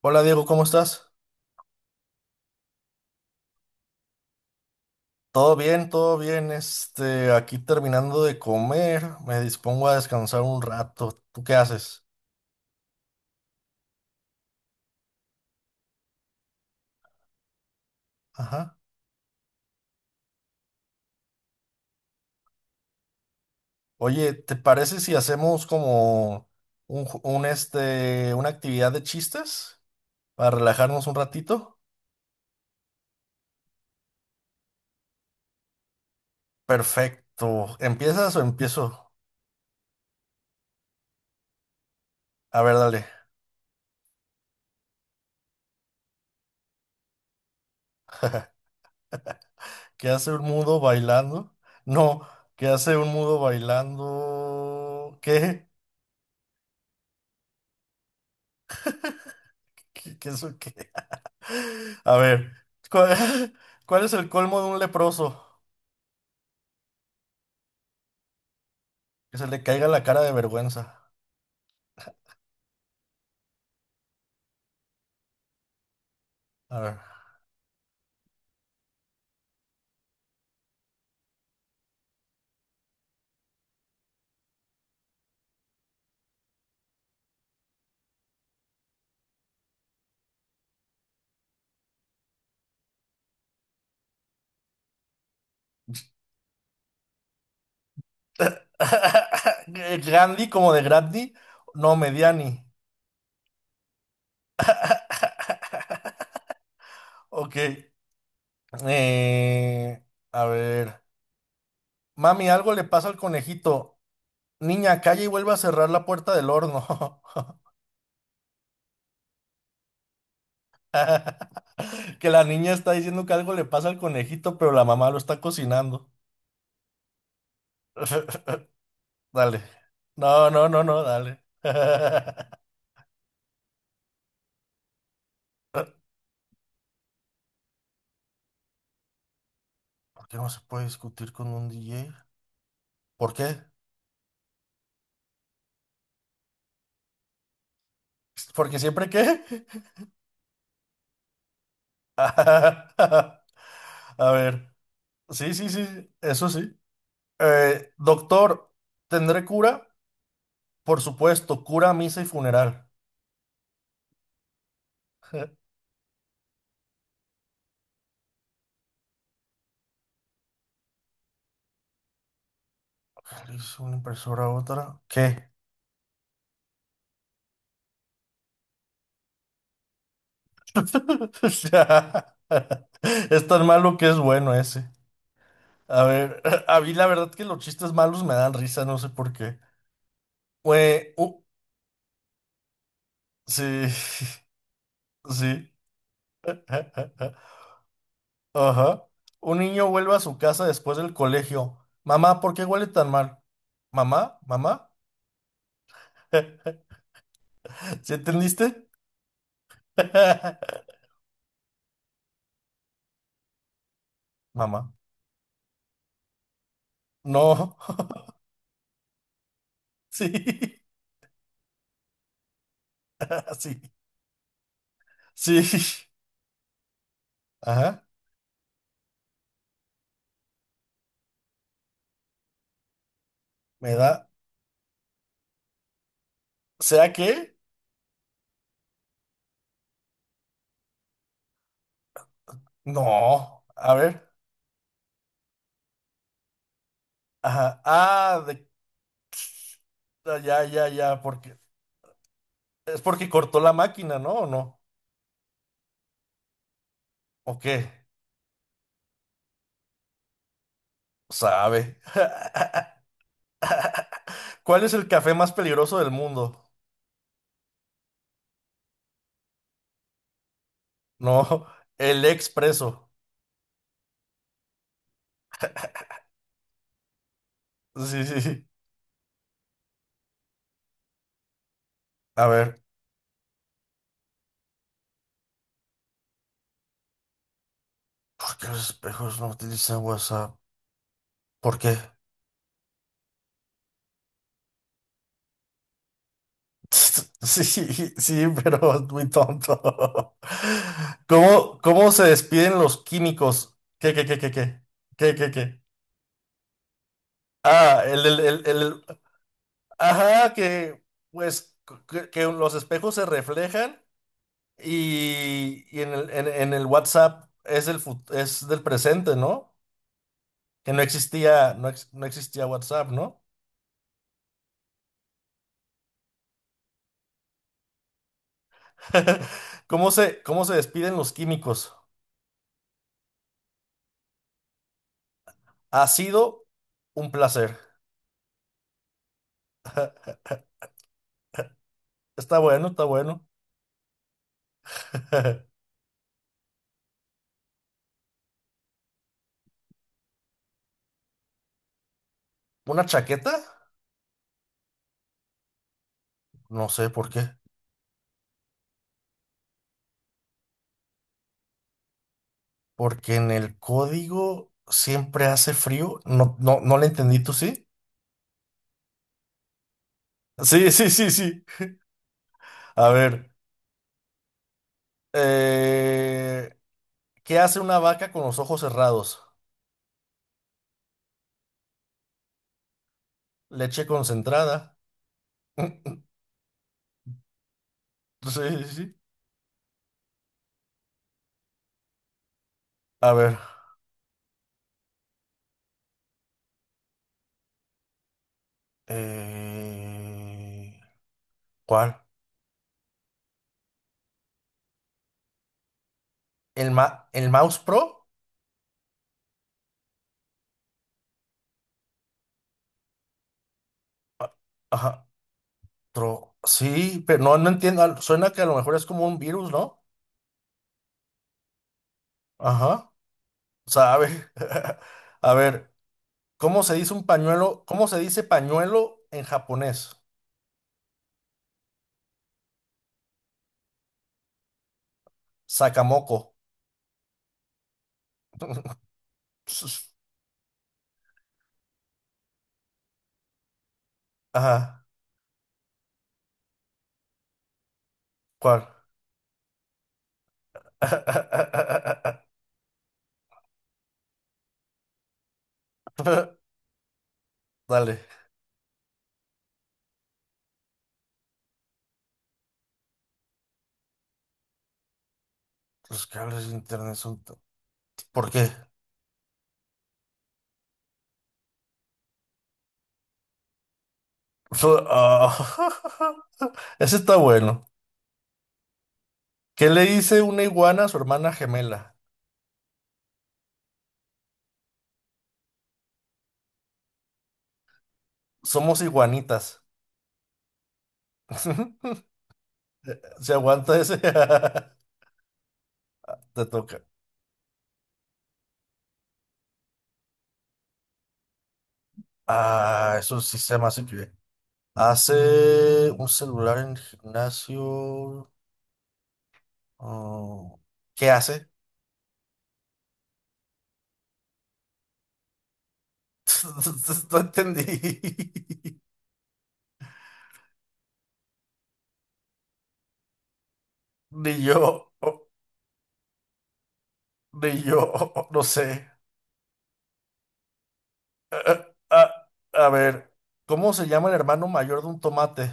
Hola Diego, ¿cómo estás? Todo bien, todo bien. Este, aquí terminando de comer, me dispongo a descansar un rato. ¿Tú qué haces? Ajá. Oye, ¿te parece si hacemos como un, ju- un, este, una actividad de chistes para relajarnos un ratito? Perfecto. ¿Empiezas o empiezo? A ver, dale. ¿Qué hace un mudo bailando? No, ¿qué hace un mudo bailando? ¿Qué? ¿Qué es qué? A ver, ¿cuál, cuál es el colmo de un leproso? Que se le caiga la cara de vergüenza. A ver. Gandhi como de Gandhi, no, Mediani. Ok. Eh, a ver. Mami, algo le pasa al conejito. Niña, calla y vuelve a cerrar la puerta del horno. Que la niña está diciendo que algo le pasa al conejito, pero la mamá lo está cocinando. Dale. No, no, no, no, dale. ¿Por qué no se puede discutir con un DJ? ¿Por qué? ¿Porque siempre qué? A ver. Sí, sí, sí, eso sí. Doctor, ¿tendré cura? Por supuesto, cura, misa y funeral. ¿Le hizo una impresora a otra? ¿Qué? O sea, es tan malo que es bueno ese. A ver, a mí la verdad que los chistes malos me dan risa, no sé por qué. Güey, u- sí. Sí. Ajá. Un niño vuelve a su casa después del colegio. Mamá, ¿por qué huele tan mal? ¿Mamá? ¿Mamá? ¿Sí entendiste? Mamá. No. Sí. Sí. Sí. Ajá. Me da. ¿Será que? No. A ver. Ajá. Ah, de- ah, ya, ya, ya. Porque es porque cortó la máquina, ¿no? ¿O no? ¿O qué? Sabe. ¿Cuál es el café más peligroso del mundo? No, el expreso. Sí, sí, sí. A ver, ¿por qué los espejos no utilizan WhatsApp? ¿Por qué? Sí, sí, pero es muy tonto. ¿Cómo se despiden los químicos? ¿Qué, qué, qué, qué, qué? ¿Qué, qué, qué? Ah, ajá, que, pues, que los espejos se reflejan y en en el WhatsApp es del, fut- es del presente, ¿no? Que no existía, no, ex- no existía WhatsApp, ¿no? ¿Cómo se despiden los químicos? Ha sido un placer. Está bueno, está bueno. ¿Una chaqueta? No sé por qué. Porque en el código siempre hace frío. No, no, no le entendí, ¿tú sí? Sí, sí, sí, sí. A ver. eh, ¿Qué hace una vaca con los ojos cerrados? Leche concentrada. Sí, sí, sí. A ver. eh, ¿Cuál? ¿El, ma- el Mouse Pro? Ah, Ajá. Tro- sí, pero no, no entiendo. Al- Suena que a lo mejor es como un virus, ¿no? Ajá. Sabe. A ver, ¿cómo se dice un pañuelo? ¿Cómo se dice pañuelo en japonés? Sakamoko. Sus- Ajá. ¿Cuál? Dale. Los cables de internet son... to- ¿Por qué? Su- Ah, Ese está bueno. ¿Qué le dice una iguana a su hermana gemela? Somos iguanitas. ¿Se aguanta ese? Te toca. Ah, eso sí se me hace que hace un celular en el gimnasio. Ah, ¿qué hace? No entendí. Ni yo, ni yo, no sé. Ah, ah, a ver, ¿cómo se llama el hermano mayor de un tomate?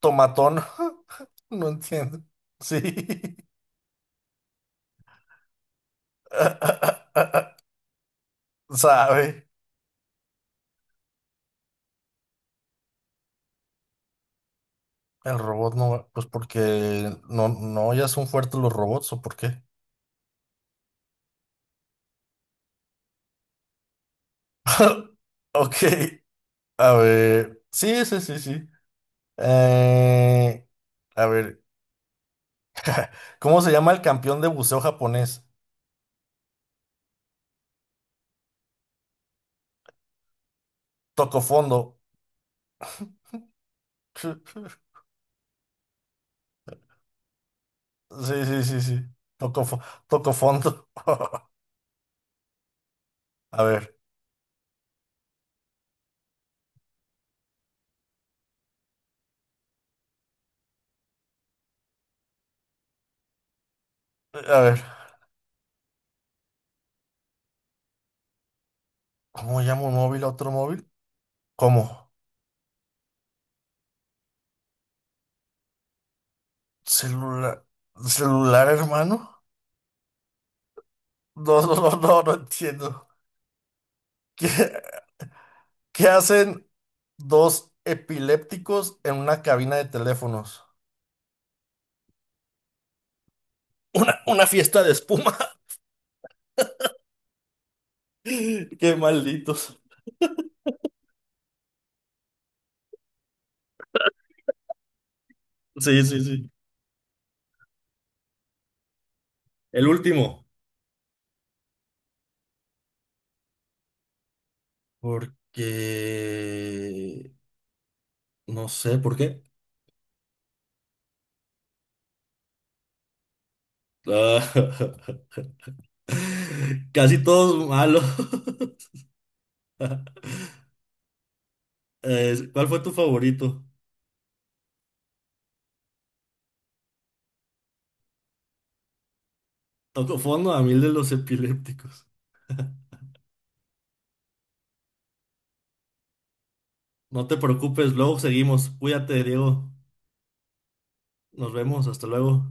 Tomatón. No entiendo. Sí. ¿Sabe? El robot no, pues porque no, no, ya son fuertes los robots, ¿o por qué? Ok. A ver, sí, sí, sí, sí. Eh, a ver, ¿cómo se llama el campeón de buceo japonés? Toco fondo. Sí, sí, sí, sí. Toco, fo- toco fondo. A ver, a ver. ¿Cómo llamo un móvil a otro móvil? ¿Cómo? ¿Celular? ¿Celular, hermano? No, no, no, no, no entiendo. ¿Qué, qué hacen dos epilépticos en una cabina de teléfonos? Una fiesta de espuma. Qué malditos. Sí, sí, sí. El último. Porque... No sé por qué. Ah, Casi todos malos. ¿Cuál fue tu favorito? Toco fondo a mil de los epilépticos. No te preocupes, luego seguimos. Cuídate, Diego. Nos vemos, hasta luego.